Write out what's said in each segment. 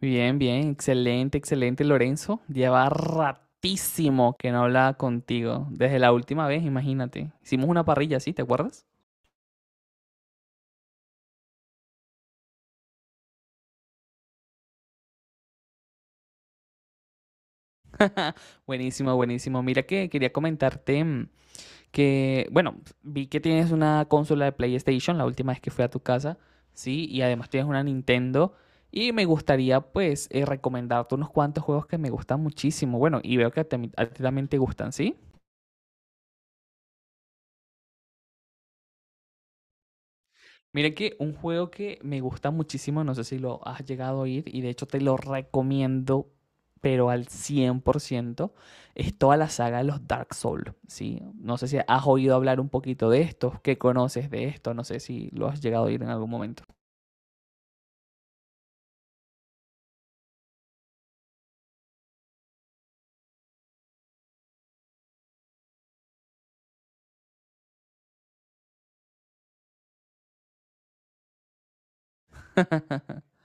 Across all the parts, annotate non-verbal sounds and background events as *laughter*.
Bien, bien, excelente, excelente, Lorenzo. Lleva ratísimo que no hablaba contigo. Desde la última vez, imagínate. Hicimos una parrilla, ¿sí? ¿Te acuerdas? Buenísimo, buenísimo. Mira que quería comentarte que, bueno, vi que tienes una consola de PlayStation la última vez que fui a tu casa, ¿sí? Y además tienes una Nintendo. Y me gustaría, pues, recomendarte unos cuantos juegos que me gustan muchísimo. Bueno, y veo que a ti también te gustan, ¿sí? Mira que un juego que me gusta muchísimo, no sé si lo has llegado a oír y de hecho te lo recomiendo, pero al 100% es toda la saga de los Dark Souls, ¿sí? No sé si has oído hablar un poquito de esto, qué conoces de esto, no sé si lo has llegado a oír en algún momento. *laughs*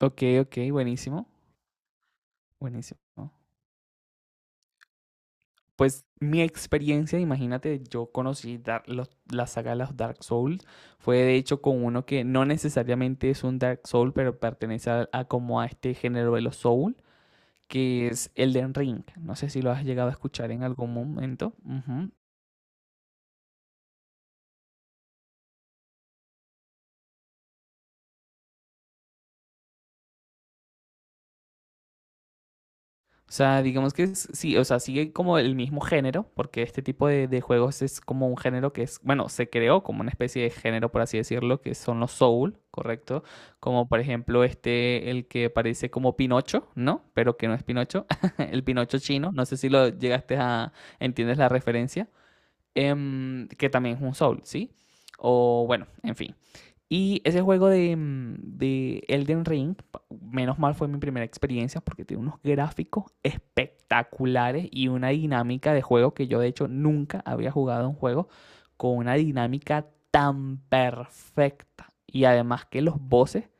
Ok, ok, buenísimo, buenísimo. Pues mi experiencia, imagínate, yo conocí la saga de los Dark Souls, fue de hecho con uno que no necesariamente es un Dark Soul, pero pertenece a como a este género de los Soul, que es Elden Ring. No sé si lo has llegado a escuchar en algún momento. Ujú. O sea, digamos que sí, o sea, sigue como el mismo género, porque este tipo de juegos es como un género que es, bueno, se creó como una especie de género, por así decirlo, que son los soul, ¿correcto? Como por ejemplo este, el que parece como Pinocho, ¿no? Pero que no es Pinocho, *laughs* el Pinocho chino, no sé si lo ¿entiendes la referencia? Que también es un Soul, ¿sí? O bueno, en fin. Y ese juego de Elden Ring, menos mal fue mi primera experiencia porque tiene unos gráficos espectaculares y una dinámica de juego que yo de hecho nunca había jugado un juego con una dinámica tan perfecta. Y además que los voces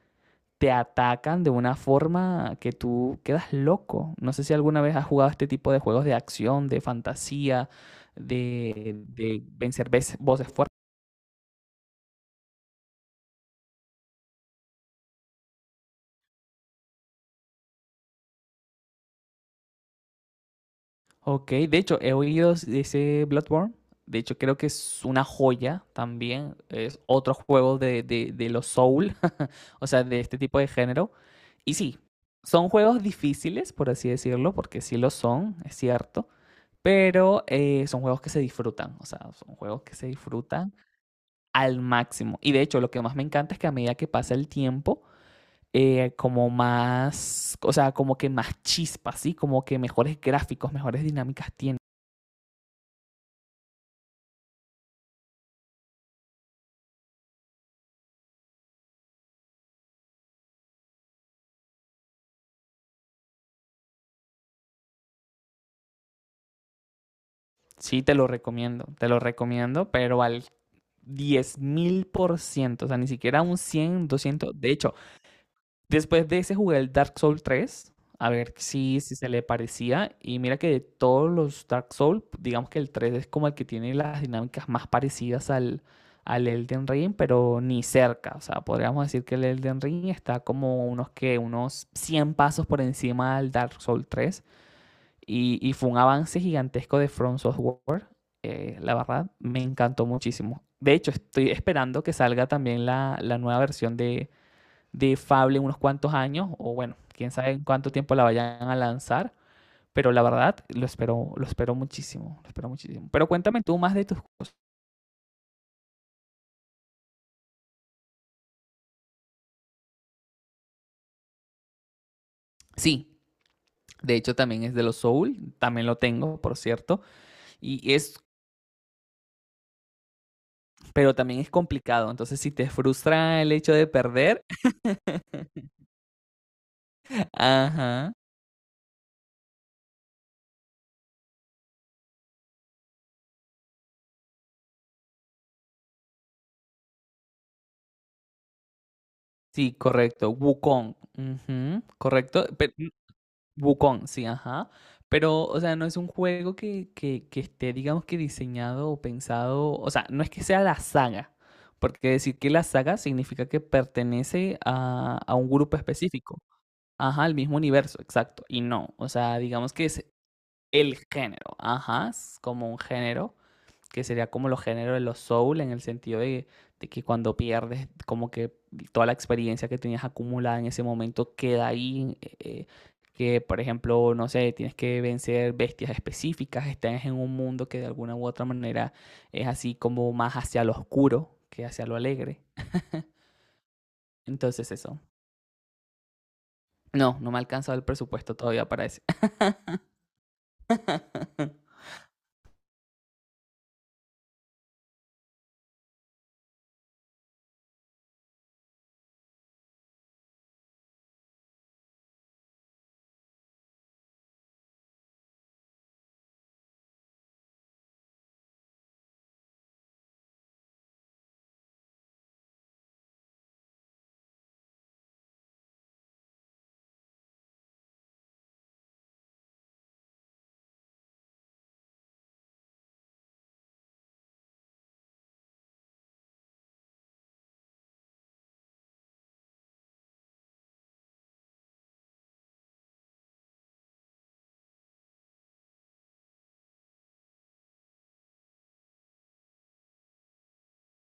te atacan de una forma que tú quedas loco. No sé si alguna vez has jugado este tipo de juegos de acción, de fantasía, de vencer voces fuertes. Ok, de hecho, he oído de ese Bloodborne. De hecho, creo que es una joya también. Es otro juego de los Soul, *laughs* o sea, de este tipo de género. Y sí, son juegos difíciles, por así decirlo, porque sí lo son, es cierto. Pero son juegos que se disfrutan, o sea, son juegos que se disfrutan al máximo. Y de hecho, lo que más me encanta es que a medida que pasa el tiempo, como más, o sea, como que más chispas, ¿sí? Como que mejores gráficos, mejores dinámicas tiene. Sí, te lo recomiendo, pero al 10 000%, o sea, ni siquiera un 100 200 de hecho. Después de ese jugué el Dark Souls 3, a ver si se le parecía. Y mira que de todos los Dark Souls, digamos que el 3 es como el que tiene las dinámicas más parecidas al Elden Ring, pero ni cerca. O sea, podríamos decir que el Elden Ring está como unos 100 pasos por encima del Dark Souls 3. Y fue un avance gigantesco de From Software. La verdad, me encantó muchísimo. De hecho, estoy esperando que salga también la nueva versión de Fable en unos cuantos años, o bueno, quién sabe en cuánto tiempo la vayan a lanzar, pero la verdad lo espero muchísimo, lo espero muchísimo. Pero cuéntame tú más de tus cosas. Sí, de hecho también es de los Soul, también lo tengo, por cierto, y es, pero también es complicado, entonces si te frustra el hecho de perder. *laughs* Ajá. Sí, correcto. Wukong, ujú, correcto. Pero Wukong, sí, ajá. Pero, o sea, no es un juego que esté, digamos que diseñado o pensado, o sea, no es que sea la saga, porque decir que la saga significa que pertenece a un grupo específico, ajá, al mismo universo, exacto, y no, o sea, digamos que es el género, ajá, es como un género que sería como los géneros de los soul, en el sentido de que cuando pierdes, como que toda la experiencia que tenías acumulada en ese momento queda ahí. Que, por ejemplo, no sé, tienes que vencer bestias específicas, estás en un mundo que de alguna u otra manera es así como más hacia lo oscuro que hacia lo alegre. Entonces eso. No, no me ha alcanzado el presupuesto todavía para eso. *laughs*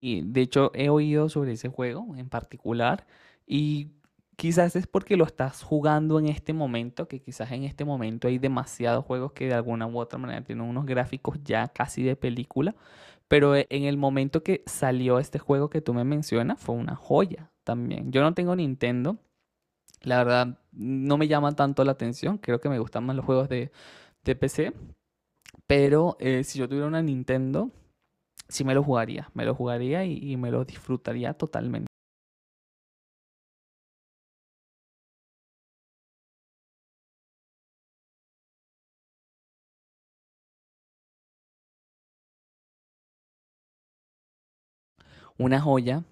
Y de hecho he oído sobre ese juego en particular, y quizás es porque lo estás jugando en este momento, que quizás en este momento hay demasiados juegos que de alguna u otra manera tienen unos gráficos ya casi de película, pero en el momento que salió este juego que tú me mencionas fue una joya también. Yo no tengo Nintendo, la verdad no me llama tanto la atención, creo que me gustan más los juegos de PC, pero si yo tuviera una Nintendo, sí me lo jugaría y me lo disfrutaría totalmente. Una joya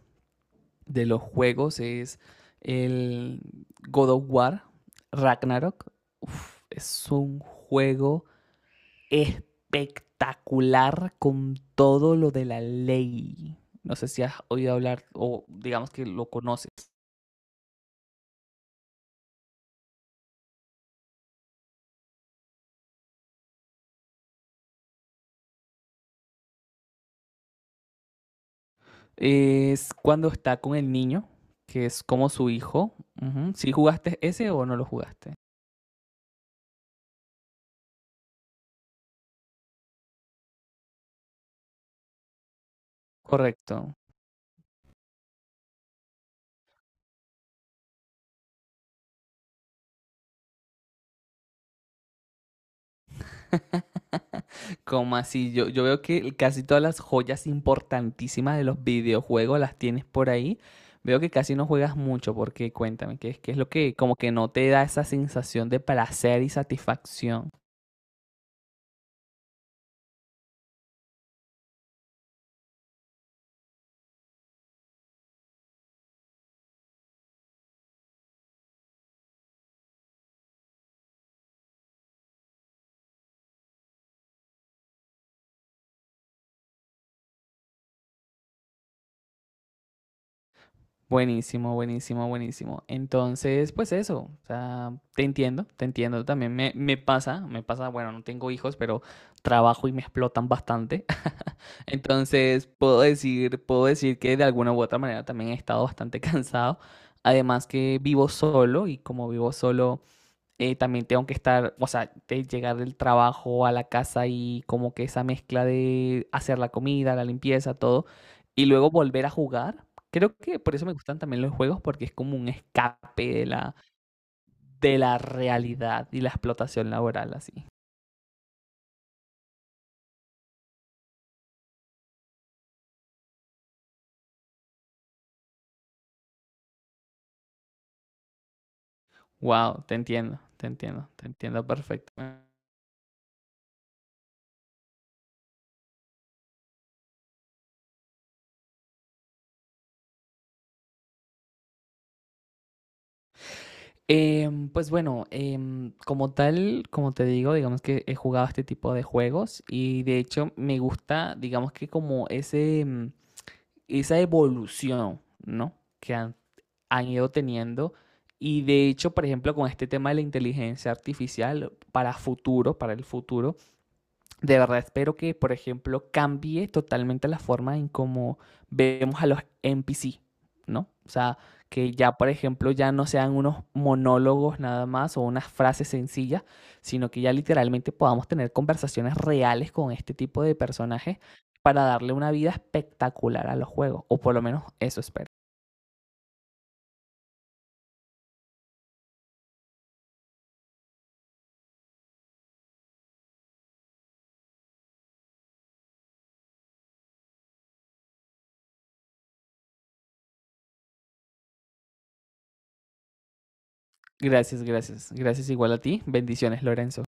de los juegos es el God of War, Ragnarok. Uf, es un juego espectacular con todo lo de la ley. No sé si has oído hablar o digamos que lo conoces. Es cuando está con el niño, que es como su hijo. Si ¿Sí jugaste ese o no lo jugaste? Correcto. Como así? Yo veo que casi todas las joyas importantísimas de los videojuegos las tienes por ahí. Veo que casi no juegas mucho, porque cuéntame, ¿qué qué es lo que como que no te da esa sensación de placer y satisfacción? Buenísimo, buenísimo, buenísimo. Entonces, pues eso, o sea, te entiendo, te entiendo. También me pasa, bueno, no tengo hijos, pero trabajo y me explotan bastante. Entonces, puedo decir que de alguna u otra manera también he estado bastante *laughs* cansado. Además que vivo solo y como vivo solo, también tengo que estar, o sea, de llegar del trabajo a la casa y como que esa mezcla de hacer la comida, la limpieza, todo, y luego volver a jugar. Creo que por eso me gustan también los juegos, porque es como un escape de de la realidad y la explotación laboral así. Wow, te entiendo, te entiendo, te entiendo perfectamente. Pues bueno, como tal, como te digo, digamos que he jugado este tipo de juegos y de hecho me gusta, digamos que como ese, esa evolución, ¿no? Que han, han ido teniendo. Y de hecho, por ejemplo, con este tema de la inteligencia artificial, para futuro, para el futuro, de verdad, espero que, por ejemplo, cambie totalmente la forma en cómo vemos a los NPC, ¿no? O sea, que ya, por ejemplo, ya no sean unos monólogos nada más o unas frases sencillas, sino que ya literalmente podamos tener conversaciones reales con este tipo de personajes para darle una vida espectacular a los juegos, o por lo menos eso espero. Gracias, gracias. Gracias igual a ti. Bendiciones, Lorenzo.